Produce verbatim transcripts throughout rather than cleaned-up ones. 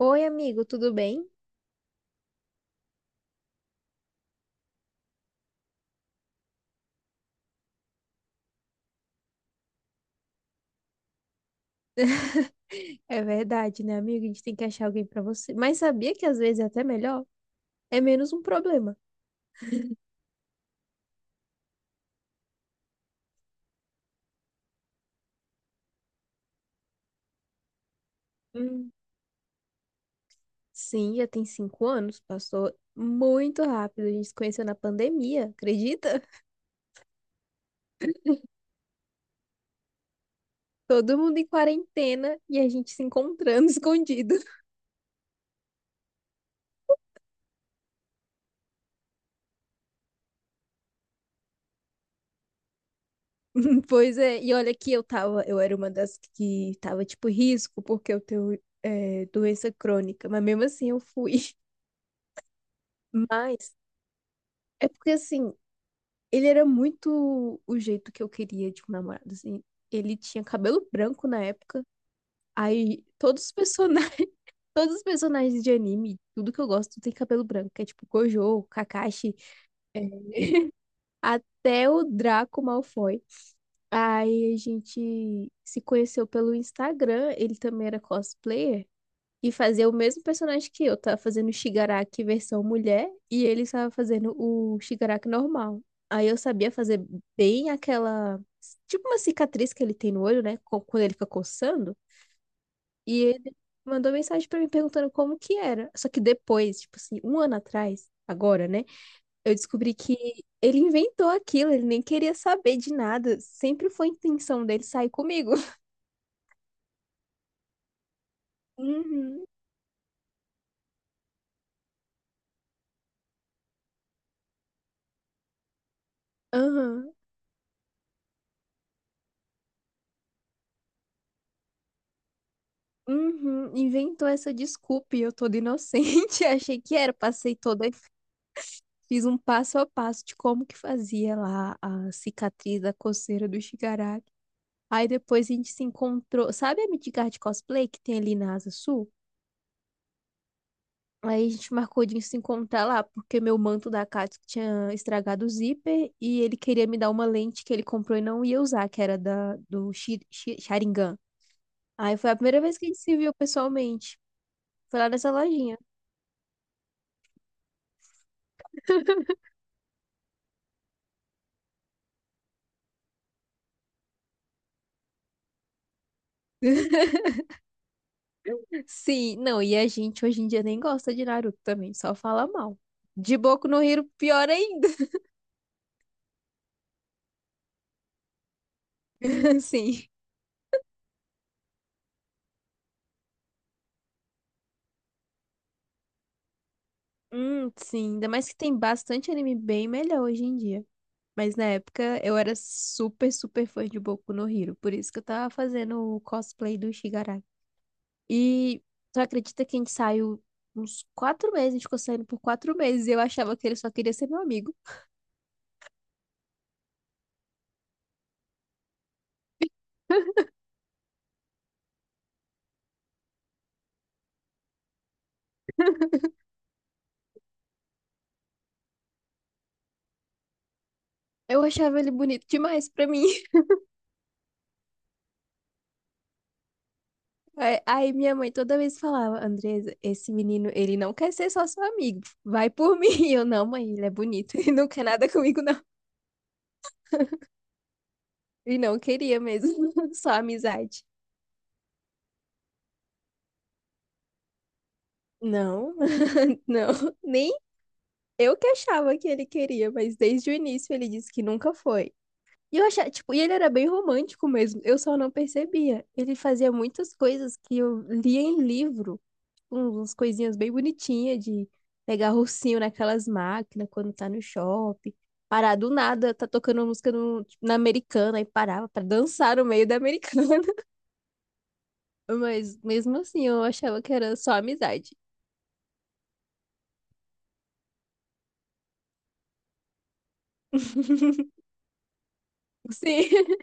Oi, amigo, tudo bem? É verdade, né, amigo? A gente tem que achar alguém pra você. Mas sabia que às vezes é até melhor? É menos um problema. Hum. Sim, já tem cinco anos, passou muito rápido. A gente se conheceu na pandemia, acredita? Todo mundo em quarentena e a gente se encontrando escondido. Pois é, e olha que eu tava, eu era uma das que tava tipo risco, porque eu tenho é, doença crônica, mas mesmo assim eu fui. Mas é porque assim, ele era muito o jeito que eu queria de um namorado, assim. Ele tinha cabelo branco na época. Aí todos os personagens, todos os personagens de anime, tudo que eu gosto tem cabelo branco, que é tipo Gojo, Kakashi, é, até o Draco Malfoy. Aí a gente se conheceu pelo Instagram, ele também era cosplayer. E fazer o mesmo personagem que eu. Tava fazendo o Shigaraki versão mulher e ele estava fazendo o Shigaraki normal. Aí eu sabia fazer bem aquela, tipo uma cicatriz que ele tem no olho, né? co- Quando ele fica coçando. E ele mandou mensagem pra mim perguntando como que era. Só que depois, tipo assim, um ano atrás, agora, né? Eu descobri que ele inventou aquilo, ele nem queria saber de nada. Sempre foi a intenção dele sair comigo. Uhum. Aham. Uhum, inventou essa desculpa e eu toda inocente. Achei que era, passei toda, fiz um passo a passo de como que fazia lá a cicatriz da coceira do Shigaraki. Aí depois a gente se encontrou, sabe a Midgard de cosplay que tem ali na Asa Sul? Aí a gente marcou de se encontrar lá, porque meu manto da Katsuki tinha estragado o zíper e ele queria me dar uma lente que ele comprou e não ia usar, que era da, do Shi- Shi- Sharingan. Aí foi a primeira vez que a gente se viu pessoalmente. Foi lá nessa lojinha. Sim, não, e a gente hoje em dia nem gosta de Naruto também, só fala mal. De Boku no Hero, pior ainda, assim. Hum, sim, ainda mais que tem bastante anime bem melhor hoje em dia. Mas na época eu era super, super fã de Boku no Hero, por isso que eu tava fazendo o cosplay do Shigaraki. E tu acredita que a gente saiu uns quatro meses, a gente ficou saindo por quatro meses e eu achava que ele só queria ser meu amigo. Eu achava ele bonito demais pra mim. Aí aí minha mãe toda vez falava: Andresa, esse menino, ele não quer ser só seu amigo, vai por mim. E eu: não, mãe, ele é bonito, ele não quer nada comigo, não. E não queria mesmo, só amizade. Não, não, nem eu que achava que ele queria, mas desde o início ele disse que nunca foi. E eu achava, tipo, e ele era bem romântico mesmo, eu só não percebia. Ele fazia muitas coisas que eu lia em livro, uns- umas coisinhas bem bonitinhas de pegar ursinho naquelas máquinas quando tá no shopping, parar do nada, tá tocando uma música no, tipo, na americana e parava pra dançar no meio da americana. Mas mesmo assim, eu achava que era só amizade. Sim,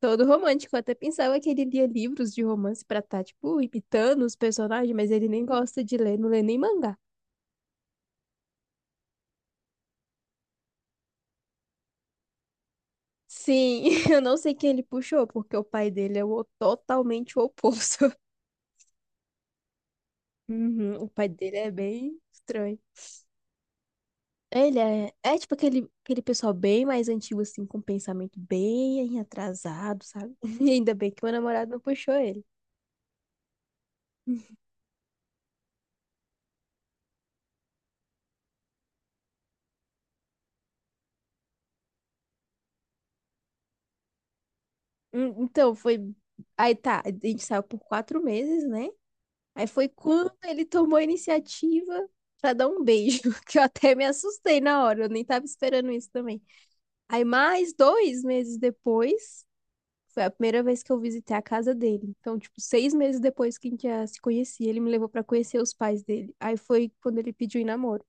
todo romântico. Eu até pensava que ele lia livros de romance pra tá tipo, imitando os personagens, mas ele nem gosta de ler, não lê nem mangá. Sim, eu não sei quem ele puxou, porque o pai dele é o totalmente o oposto. Uhum, o pai dele é bem estranho. Ele é, é tipo aquele, aquele pessoal bem mais antigo, assim, com pensamento bem atrasado, sabe? E ainda bem que meu namorado não puxou ele. Hum, Então, foi. Aí tá, a gente saiu por quatro meses, né? Aí foi quando ele tomou a iniciativa pra dar um beijo, que eu até me assustei na hora, eu nem tava esperando isso também. Aí mais dois meses depois. Foi a primeira vez que eu visitei a casa dele. Então, tipo, seis meses depois que a gente já se conhecia, ele me levou pra conhecer os pais dele. Aí foi quando ele pediu em namoro.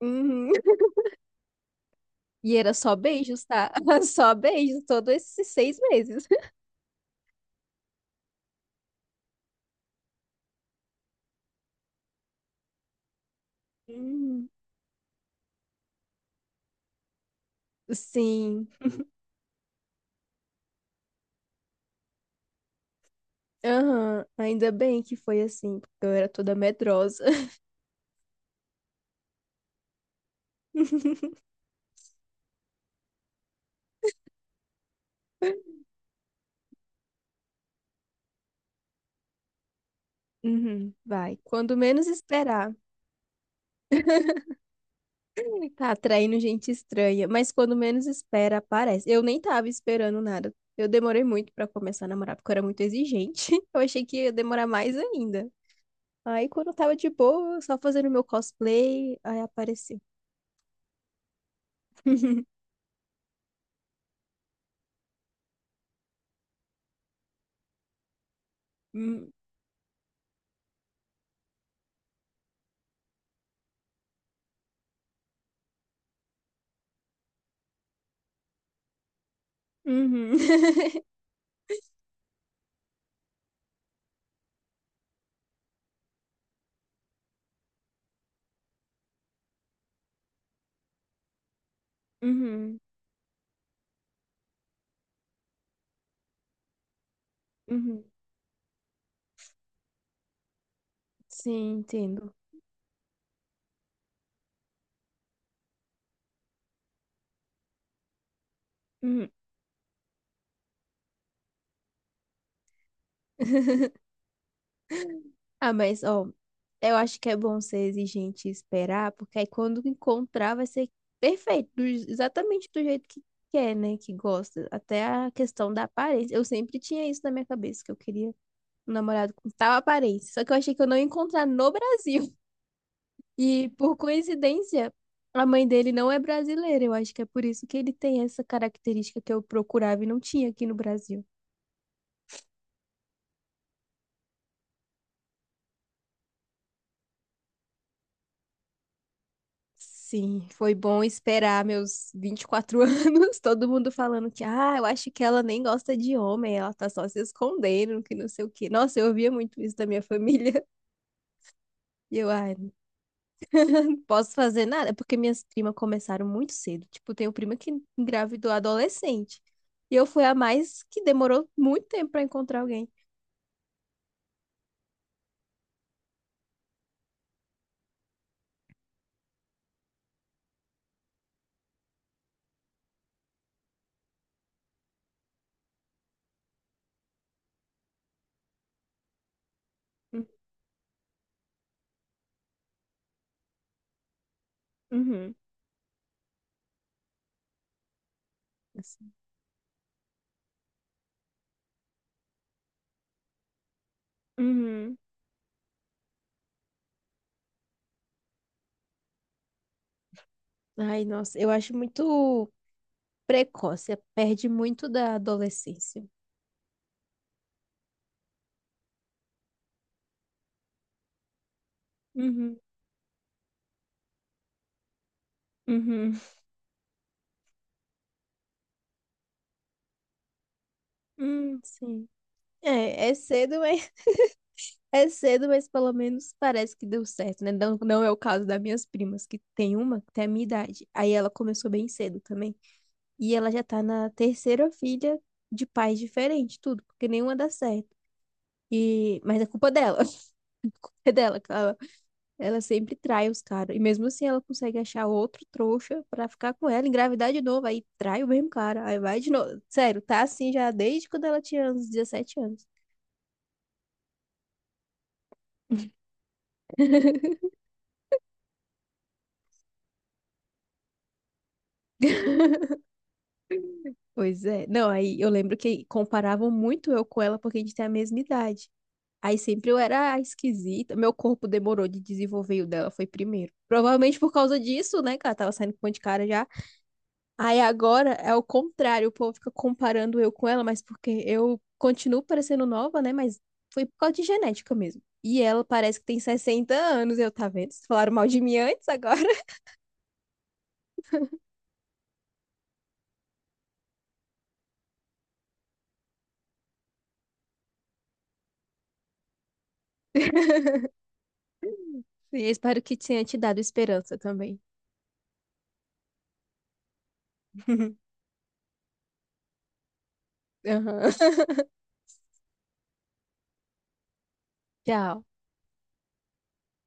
Uhum. E era só beijos, tá? Só beijos, todos esses seis meses. Uhum. Sim, aham, ainda bem que foi assim, porque eu era toda medrosa. Uhum, vai, quando menos esperar. Tá atraindo gente estranha, mas quando menos espera, aparece. Eu nem tava esperando nada. Eu demorei muito pra começar a namorar, porque eu era muito exigente. Eu achei que ia demorar mais ainda. Aí, quando eu tava de boa, só fazendo meu cosplay, aí apareceu. Hum. Uhum. Uhum. Uhum. Sim, entendo. Uhum. Ah, mas, ó, eu acho que é bom ser exigente e esperar, porque aí quando encontrar vai ser perfeito, do- exatamente do jeito que quer, né? Que gosta. Até a questão da aparência. Eu sempre tinha isso na minha cabeça, que eu queria um namorado com tal aparência. Só que eu achei que eu não ia encontrar no Brasil. E por coincidência, a mãe dele não é brasileira. Eu acho que é por isso que ele tem essa característica que eu procurava e não tinha aqui no Brasil. Sim, foi bom esperar meus vinte e quatro anos, todo mundo falando que, ah, eu acho que ela nem gosta de homem, ela tá só se escondendo, que não sei o quê. Nossa, eu ouvia muito isso da minha família. E eu, ai, não posso fazer nada. É porque minhas primas começaram muito cedo. Tipo, tenho prima que engravidou adolescente. E eu fui a mais que demorou muito tempo pra encontrar alguém. Hum. Uhum. Assim. Uhum. Ai, nossa, eu acho muito precoce, perde muito da adolescência. Uhum. Uhum. Hum, sim. É, é cedo, mas é cedo, mas pelo menos parece que deu certo, né? Não, não é o caso das minhas primas, que tem uma que tem a minha idade. Aí ela começou bem cedo também. E ela já tá na terceira filha de pais diferentes, tudo, porque nenhuma dá certo. E, mas é culpa dela. A culpa é dela, que ela, ela sempre trai os caras. E mesmo assim ela consegue achar outro trouxa pra ficar com ela, engravidar de novo, aí trai o mesmo cara, aí vai de novo. Sério, tá assim já desde quando ela tinha uns dezessete anos. Pois é. Não, aí eu lembro que comparavam muito eu com ela porque a gente tem a mesma idade. Aí sempre eu era a esquisita. Meu corpo demorou de desenvolver e o dela foi primeiro. Provavelmente por causa disso, né, que ela tava saindo com um monte de cara já. Aí agora é o contrário, o povo fica comparando eu com ela, mas porque eu continuo parecendo nova, né, mas foi por causa de genética mesmo. E ela parece que tem sessenta anos, eu tá vendo? Vocês falaram mal de mim antes agora. Sim, eu espero que tenha te dado esperança também. Aham. Tchau.